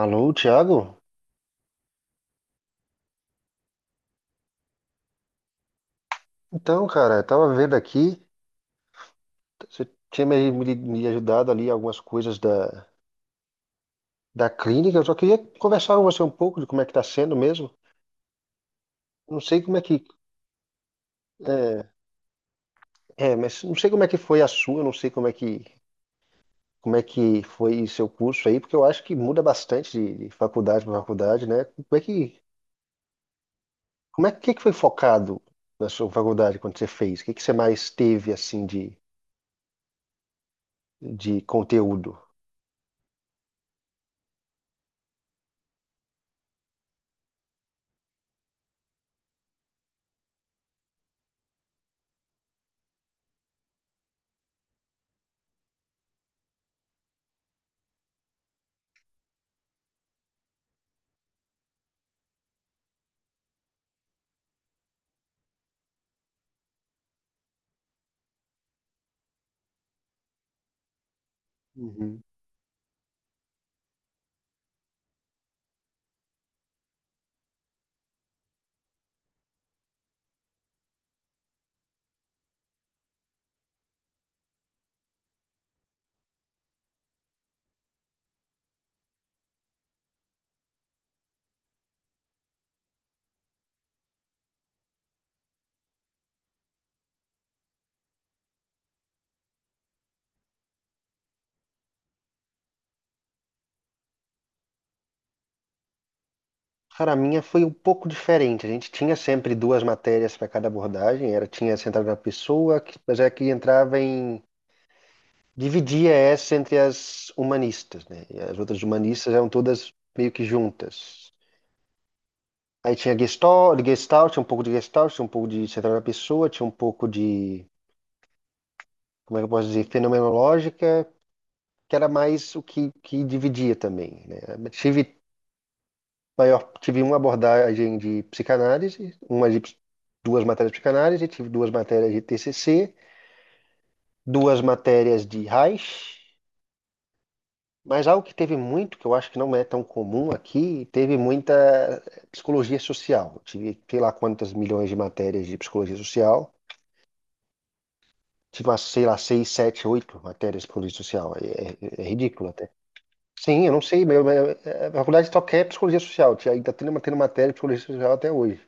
Alô, Thiago? Então, cara, eu tava vendo aqui, você tinha me ajudado ali algumas coisas da clínica. Eu só queria conversar com você um pouco de como é que tá sendo mesmo. Não sei como é que, é, mas não sei como é que foi a sua, não sei como é como é que foi seu curso aí, porque eu acho que muda bastante de faculdade para faculdade, né? Como é que foi focado na sua faculdade quando você fez? O que que você mais teve, assim, de conteúdo? Uhum. Cara, a minha foi um pouco diferente. A gente tinha sempre duas matérias para cada abordagem. Era, tinha centrado na pessoa, mas era que entrava em... Dividia essa entre as humanistas, né? E as outras humanistas eram todas meio que juntas. Aí tinha Gestalt, tinha um pouco de Gestalt, tinha um pouco de centrado na pessoa, tinha um pouco de, como é que eu posso dizer, fenomenológica, que era mais o que, que dividia também, né? Tive Daí eu tive uma abordagem de psicanálise, duas matérias de psicanálise, tive duas matérias de TCC, duas matérias de Reich, mas algo que teve muito, que eu acho que não é tão comum aqui, teve muita psicologia social. Tive sei lá quantas milhões de matérias de psicologia social, tive umas, sei lá, seis, sete, oito matérias de psicologia social. É ridículo até. Sim, eu não sei, mas é, a faculdade só quer psicologia social, ainda tem tem matéria de psicologia social até hoje.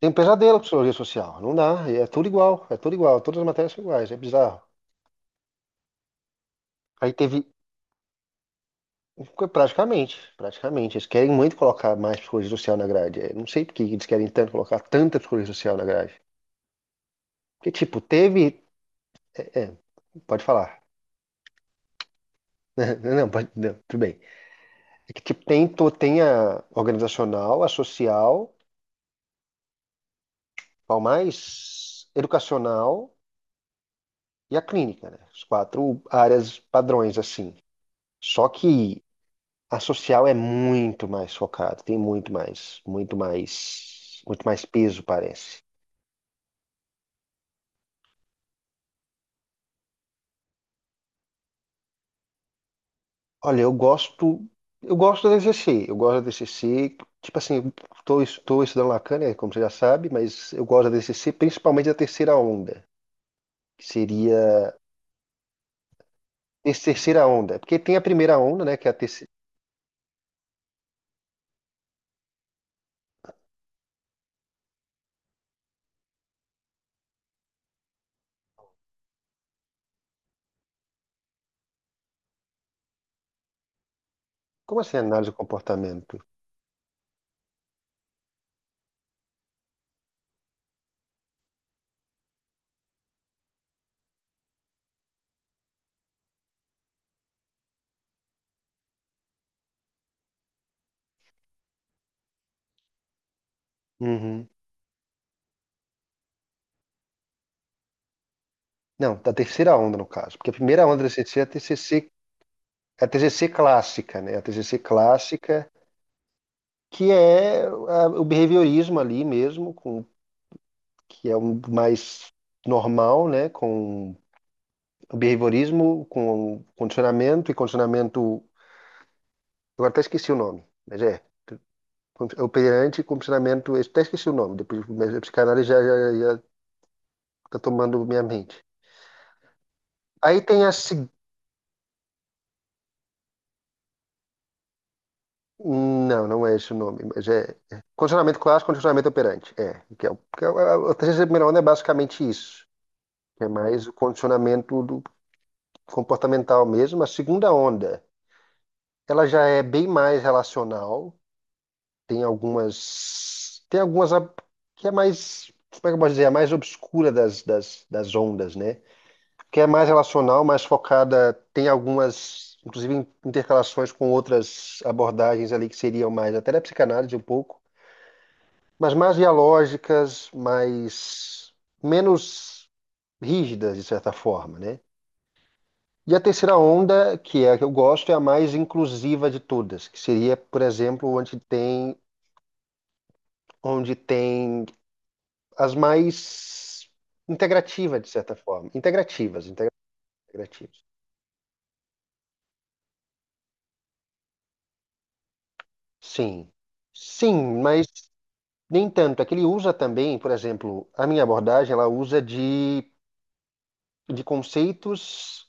Tem um pesadelo com psicologia social. Não dá. É tudo igual. É tudo igual. Todas as matérias são iguais. É bizarro. Aí teve. Praticamente. Eles querem muito colocar mais psicologia social na grade. É, não sei por que eles querem tanto colocar tanta psicologia social na grade. Porque, tipo, teve. É, pode falar. Não, pode, não, tudo bem. É que, tipo, tem a organizacional, a social, qual mais? Educacional e a clínica, né? As quatro áreas padrões, assim. Só que a social é muito mais focada, tem muito muito mais peso, parece. Olha, eu gosto da DCC, eu gosto da DCC, tipo assim, eu estou estudando Lacan, né, como você já sabe, mas eu gosto da DCC principalmente da terceira onda, que seria essa terceira onda, porque tem a primeira onda, né, que é a terceira, como assim, análise do comportamento? Uhum. Não, da terceira onda no caso, porque a primeira onda da DCC é a TCC, a TCC clássica que é o behaviorismo ali mesmo, com, que é o mais normal, né? Com o behaviorismo, com condicionamento. Eu até esqueci o nome, mas é. É Operante e condicionamento. Eu até esqueci o nome, depois mas a psicanálise já tá tomando minha mente. Aí tem a. se- Não, não é esse o nome, mas é. É Condicionamento clássico, condicionamento operante. É. A terceira primeira onda é basicamente isso. Que é mais o condicionamento do, comportamental mesmo. A segunda onda, ela já é bem mais relacional, tem algumas que é mais, como é que eu posso dizer, a mais obscura das ondas, né? Que é mais relacional, mais focada, tem algumas, inclusive, intercalações com outras abordagens ali que seriam mais, até da psicanálise um pouco, mas mais dialógicas, mais, menos rígidas, de certa forma, né? E a terceira onda, que é a que eu gosto, é a mais inclusiva de todas, que seria, por exemplo, onde tem as mais integrativas, de certa forma. Integrativas. Sim. Sim, mas nem tanto. É que ele usa também, por exemplo, a minha abordagem, ela usa de, de conceitos,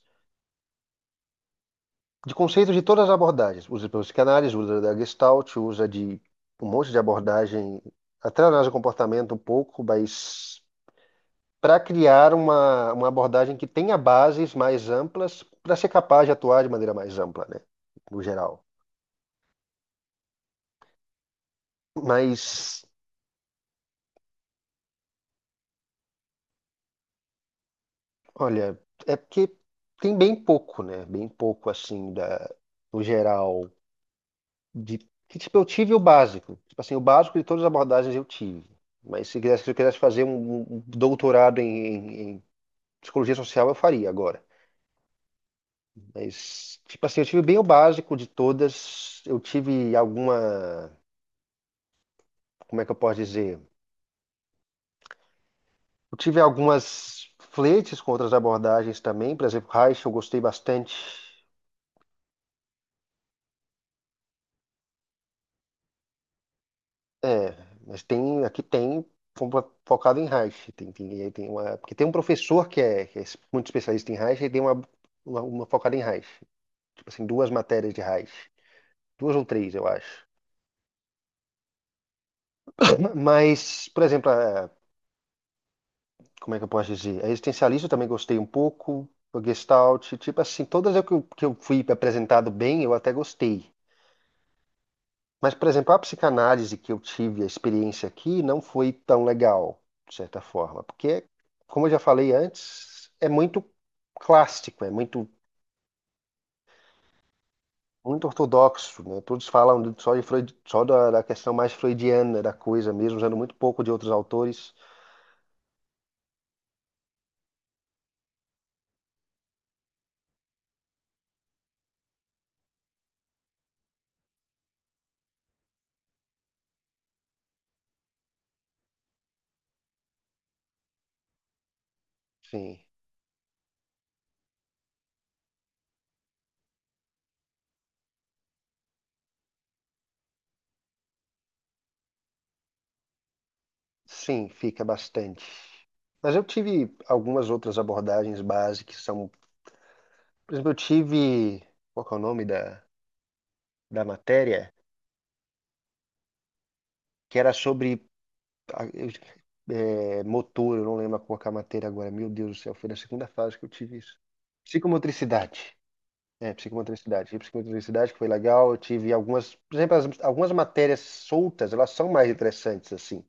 de conceitos de todas as abordagens. Usa pela psicanálise, usa da Gestalt, usa de um monte de abordagem, até análise do comportamento um pouco, mas para criar uma abordagem que tenha bases mais amplas para ser capaz de atuar de maneira mais ampla, né? No geral. Mas, olha, é porque tem bem pouco, né? Bem pouco, assim, da, no geral. De, que, tipo, eu tive o básico. Tipo assim, o básico de todas as abordagens eu tive. Mas se quisesse, se eu quisesse fazer um doutorado em, em psicologia social, eu faria agora. Mas, tipo assim, eu tive bem o básico de todas. Eu tive alguma, como é que eu posso dizer? Eu tive algumas fletes com outras abordagens também, por exemplo, Reich eu gostei bastante. É, mas tem, aqui tem fo- focado em Reich. Aí tem uma, porque tem um professor que é muito especialista em Reich e tem uma focada em Reich. Tipo assim, duas matérias de Reich. Duas ou três, eu acho. Mas, por exemplo, como é que eu posso dizer? A existencialista eu também gostei um pouco. A Gestalt, tipo assim, todas eu que eu fui apresentado bem, eu até gostei. Mas, por exemplo, a psicanálise que eu tive a experiência aqui não foi tão legal, de certa forma, porque, como eu já falei antes, é muito clássico, é muito, muito ortodoxo, né? Todos falam só de Freud, só da questão mais freudiana da coisa mesmo, usando muito pouco de outros autores. Sim, sim, fica bastante. Mas eu tive algumas outras abordagens básicas, que são, por exemplo, eu tive, qual que é o nome da matéria? Que era sobre a- eu- é, motor, eu não lembro qual que é a matéria agora. Meu Deus do céu, foi na segunda fase que eu tive isso. Psicomotricidade. É, psicomotricidade. E psicomotricidade que foi legal. Eu tive algumas, por exemplo, algumas matérias soltas, elas são mais interessantes assim.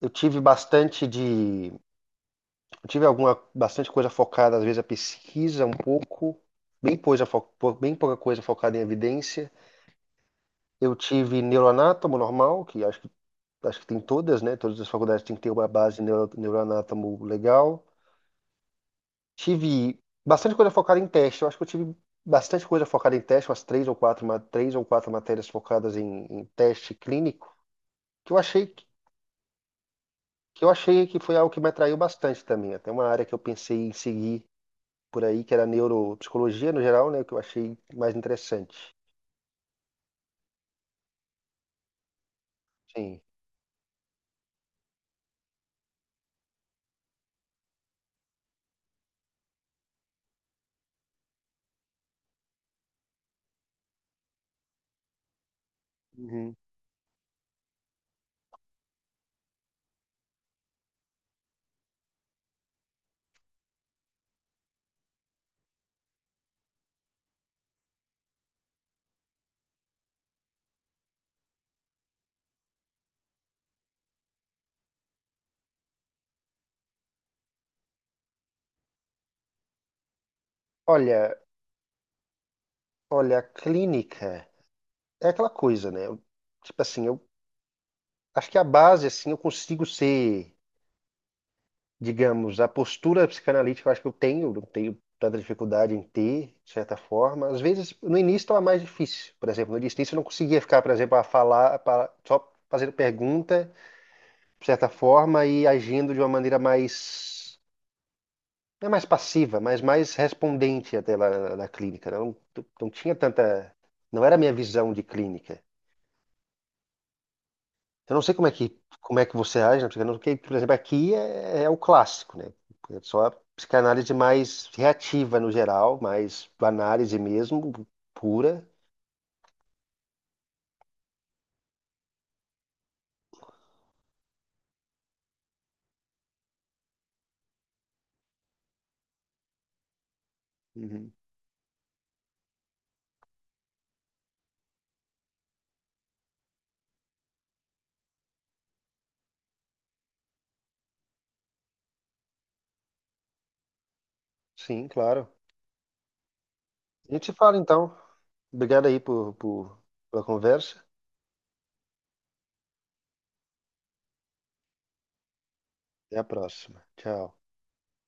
Eu tive bastante de, eu tive alguma bastante coisa focada às vezes a pesquisa um pouco, bem pouca coisa focada em evidência. Eu tive neuroanátomo normal, que acho que tem todas, né? Todas as faculdades têm que ter uma base neuroanátomo legal. Tive bastante coisa focada em teste. Eu acho que eu tive bastante coisa focada em teste, umas três ou quatro, três ou quatro matérias focadas em, em teste clínico, que eu achei que que eu achei que foi algo que me atraiu bastante também. Até uma área que eu pensei em seguir por aí, que era neuropsicologia no geral, né? Que eu achei mais interessante. Sim. Uhum. Olha, Olha, a clínica é aquela coisa, né? Tipo assim, eu acho que a base, assim, eu consigo ser, digamos, a postura psicanalítica, eu acho que eu tenho, não tenho tanta dificuldade em ter, de certa forma. Às vezes, no início estava mais difícil, por exemplo, no início eu não conseguia ficar, por exemplo, a falar, só fazendo pergunta, de certa forma, e agindo de uma maneira mais, não é mais passiva, mas mais respondente até lá na clínica. Não, não tinha tanta, não era a minha visão de clínica. Eu não sei como é como é que você age na psicanálise, porque, por exemplo, aqui é, é o clássico, né? É só a psicanálise mais reativa no geral, mais análise mesmo, pura. Uhum. Sim, claro. A gente se fala então. Obrigado aí pela conversa. Até a próxima. Tchau.